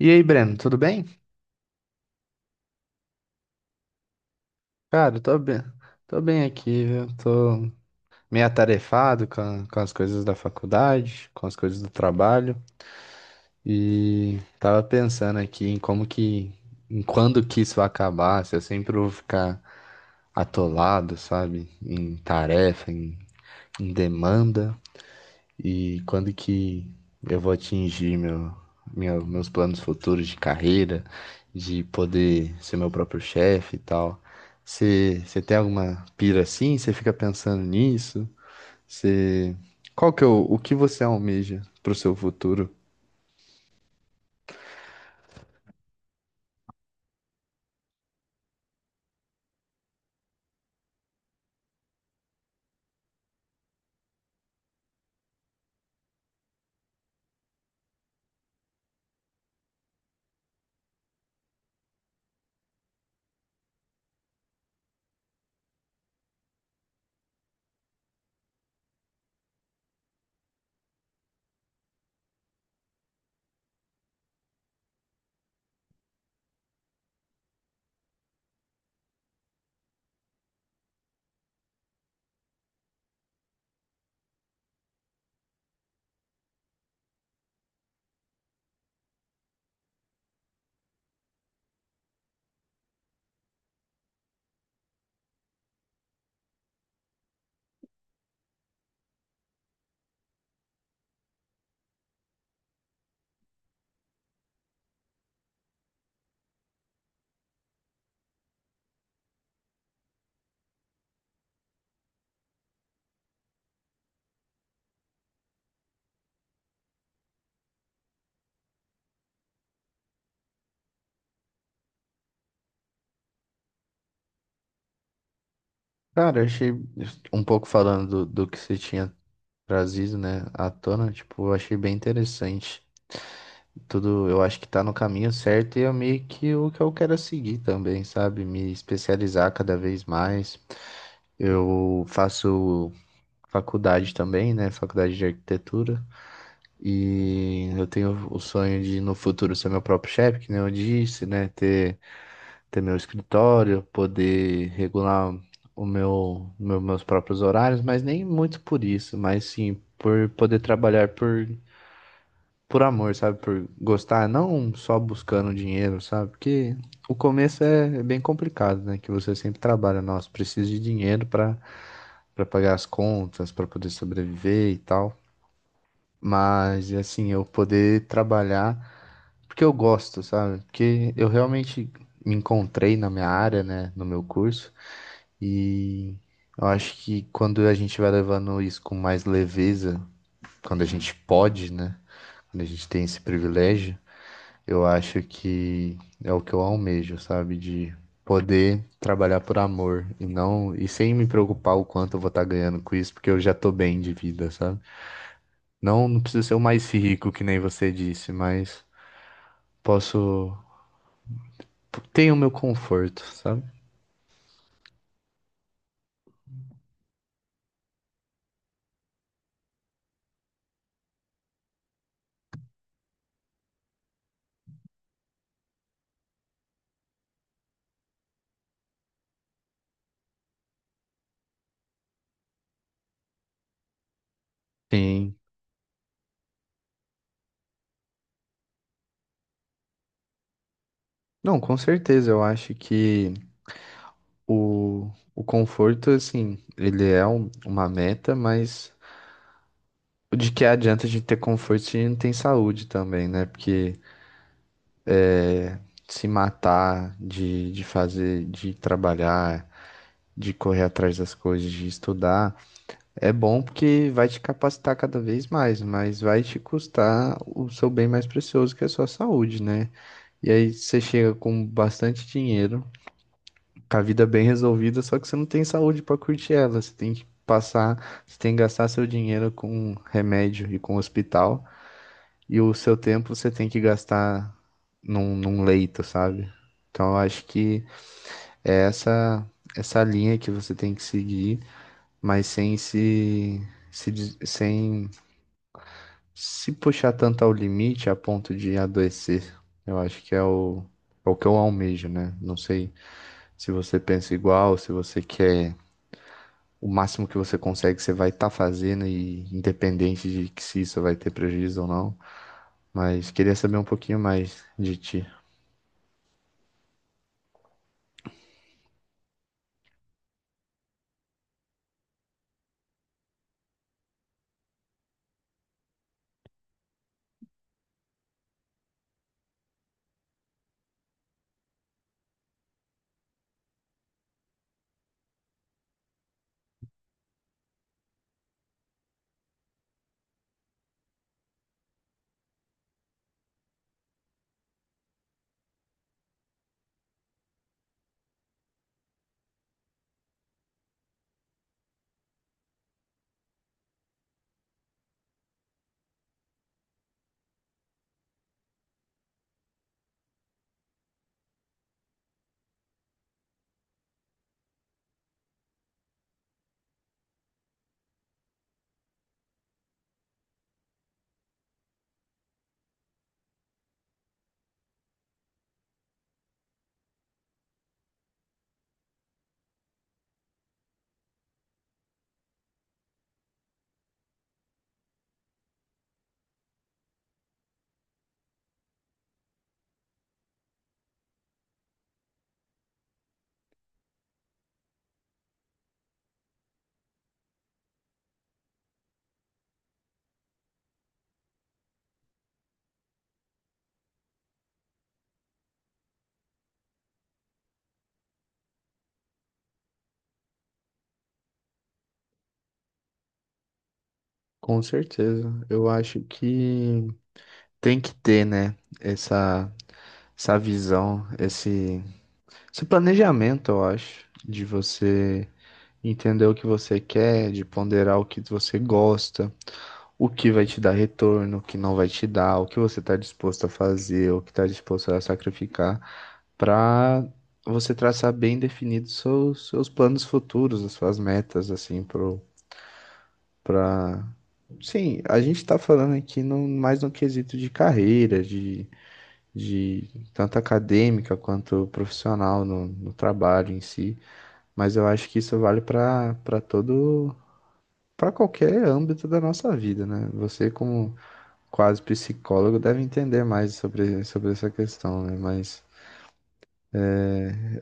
E aí, Breno, tudo bem? Cara, tô bem aqui, viu? Tô meio atarefado com, com as coisas da faculdade, com as coisas do trabalho e tava pensando aqui em como que, em quando que isso vai acabar, se eu sempre vou ficar atolado, sabe? Em tarefa, em, em demanda. E quando que eu vou atingir meu, meus planos futuros de carreira, de poder ser meu próprio chefe e tal? Você tem alguma pira assim? Você fica pensando nisso? Você, qual que é o que você almeja pro seu futuro? Cara, eu achei um pouco falando do, do que você tinha trazido, né, à tona, tipo, eu achei bem interessante. Tudo, eu acho que tá no caminho certo e é meio que o que eu quero seguir também, sabe? Me especializar cada vez mais. Eu faço faculdade também, né? Faculdade de arquitetura. E eu tenho o sonho de, no futuro, ser meu próprio chefe, que nem eu disse, né? Ter, ter meu escritório, poder regular o meu, meus próprios horários, mas nem muito por isso, mas sim por poder trabalhar por amor, sabe? Por gostar, não só buscando dinheiro, sabe? Porque o começo é, é bem complicado, né? Que você sempre trabalha, nossa, preciso de dinheiro para pagar as contas, para poder sobreviver e tal. Mas assim, eu poder trabalhar porque eu gosto, sabe? Porque eu realmente me encontrei na minha área, né, no meu curso e eu acho que quando a gente vai levando isso com mais leveza, quando a gente pode, né, quando a gente tem esse privilégio, eu acho que é o que eu almejo, sabe? De poder trabalhar por amor e não sem me preocupar o quanto eu vou estar ganhando com isso, porque eu já tô bem de vida, sabe? Não preciso ser o mais rico que nem você disse, mas posso tenho o meu conforto, sabe? Sim. Não, com certeza, eu acho que o conforto, assim, ele é uma meta, mas de que adianta a gente ter conforto se a gente não tem saúde também, né? Porque se matar, de fazer, de trabalhar, de correr atrás das coisas, de estudar, é bom porque vai te capacitar cada vez mais, mas vai te custar o seu bem mais precioso, que é a sua saúde, né? E aí você chega com bastante dinheiro, com a vida bem resolvida, só que você não tem saúde para curtir ela, você tem que passar, você tem que gastar seu dinheiro com remédio e com hospital, e o seu tempo você tem que gastar num, num leito, sabe? Então eu acho que é essa essa linha que você tem que seguir, mas sem se, sem se puxar tanto ao limite a ponto de adoecer. Eu acho que é o, é o que eu almejo, né? Não sei se você pensa igual, se você quer o máximo que você consegue, você vai estar fazendo e independente de que se isso vai ter prejuízo ou não. Mas queria saber um pouquinho mais de ti. Com certeza. Eu acho que tem que ter, né? Essa visão, esse planejamento, eu acho, de você entender o que você quer, de ponderar o que você gosta, o que vai te dar retorno, o que não vai te dar, o que você está disposto a fazer, o que está disposto a sacrificar, para você traçar bem definido seus, seus planos futuros, as suas metas, assim, pro, pra... Sim, a gente tá falando aqui no, mais no quesito de carreira, de tanto acadêmica quanto profissional no, no trabalho em si, mas eu acho que isso vale para todo para qualquer âmbito da nossa vida, né? Você como quase psicólogo deve entender mais sobre, sobre essa questão, né? Mas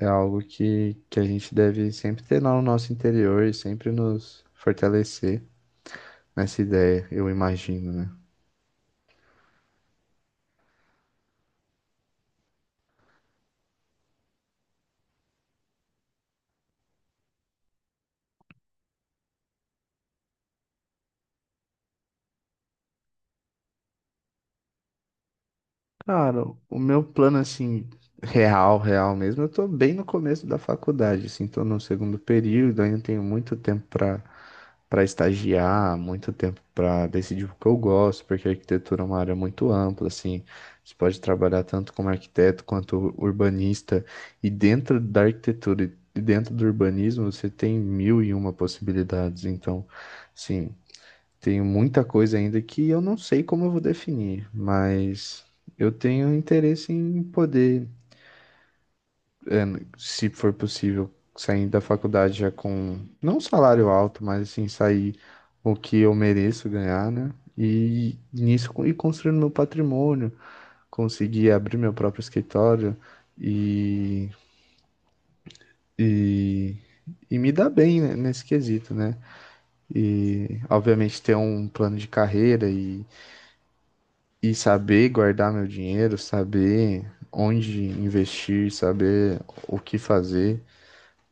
é algo que a gente deve sempre ter no nosso interior e sempre nos fortalecer nessa ideia, eu imagino, né? Cara, o meu plano, assim, real, real mesmo, eu tô bem no começo da faculdade, assim, tô no segundo período, ainda tenho muito tempo pra, pra estagiar, muito tempo pra decidir o que eu gosto, porque a arquitetura é uma área muito ampla, assim, você pode trabalhar tanto como arquiteto quanto urbanista, e dentro da arquitetura e dentro do urbanismo você tem mil e uma possibilidades, então, sim. Tenho muita coisa ainda que eu não sei como eu vou definir, mas eu tenho interesse em poder, se for possível, sair da faculdade já com não um salário alto, mas assim, sair o que eu mereço ganhar, né? E nisso ir construindo meu patrimônio, conseguir abrir meu próprio escritório e, e, e me dar bem né, nesse quesito, né? E obviamente ter um plano de carreira e saber guardar meu dinheiro, saber onde investir, saber o que fazer,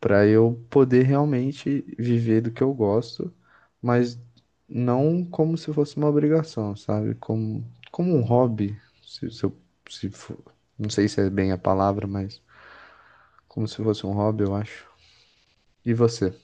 para eu poder realmente viver do que eu gosto, mas não como se fosse uma obrigação, sabe? Como, como um hobby, se eu, se for- não sei se é bem a palavra, mas como se fosse um hobby, eu acho. E você?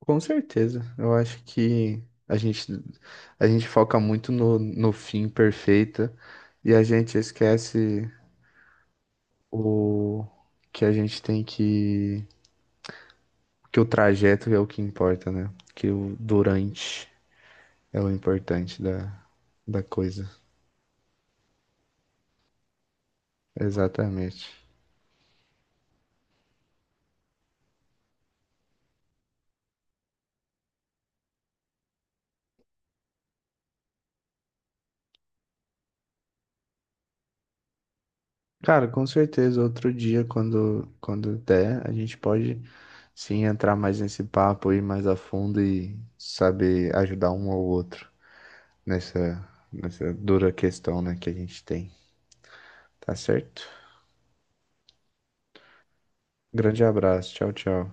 Com certeza, eu acho que a gente, a gente foca muito no, no fim perfeito e a gente esquece o que a gente tem que o trajeto é o que importa, né? Que o durante é o importante da, da coisa. Exatamente. Cara, com certeza, outro dia, quando, quando der, a gente pode sim entrar mais nesse papo, ir mais a fundo e saber ajudar um ao outro nessa, nessa dura questão, né, que a gente tem. Tá certo? Grande abraço. Tchau, tchau.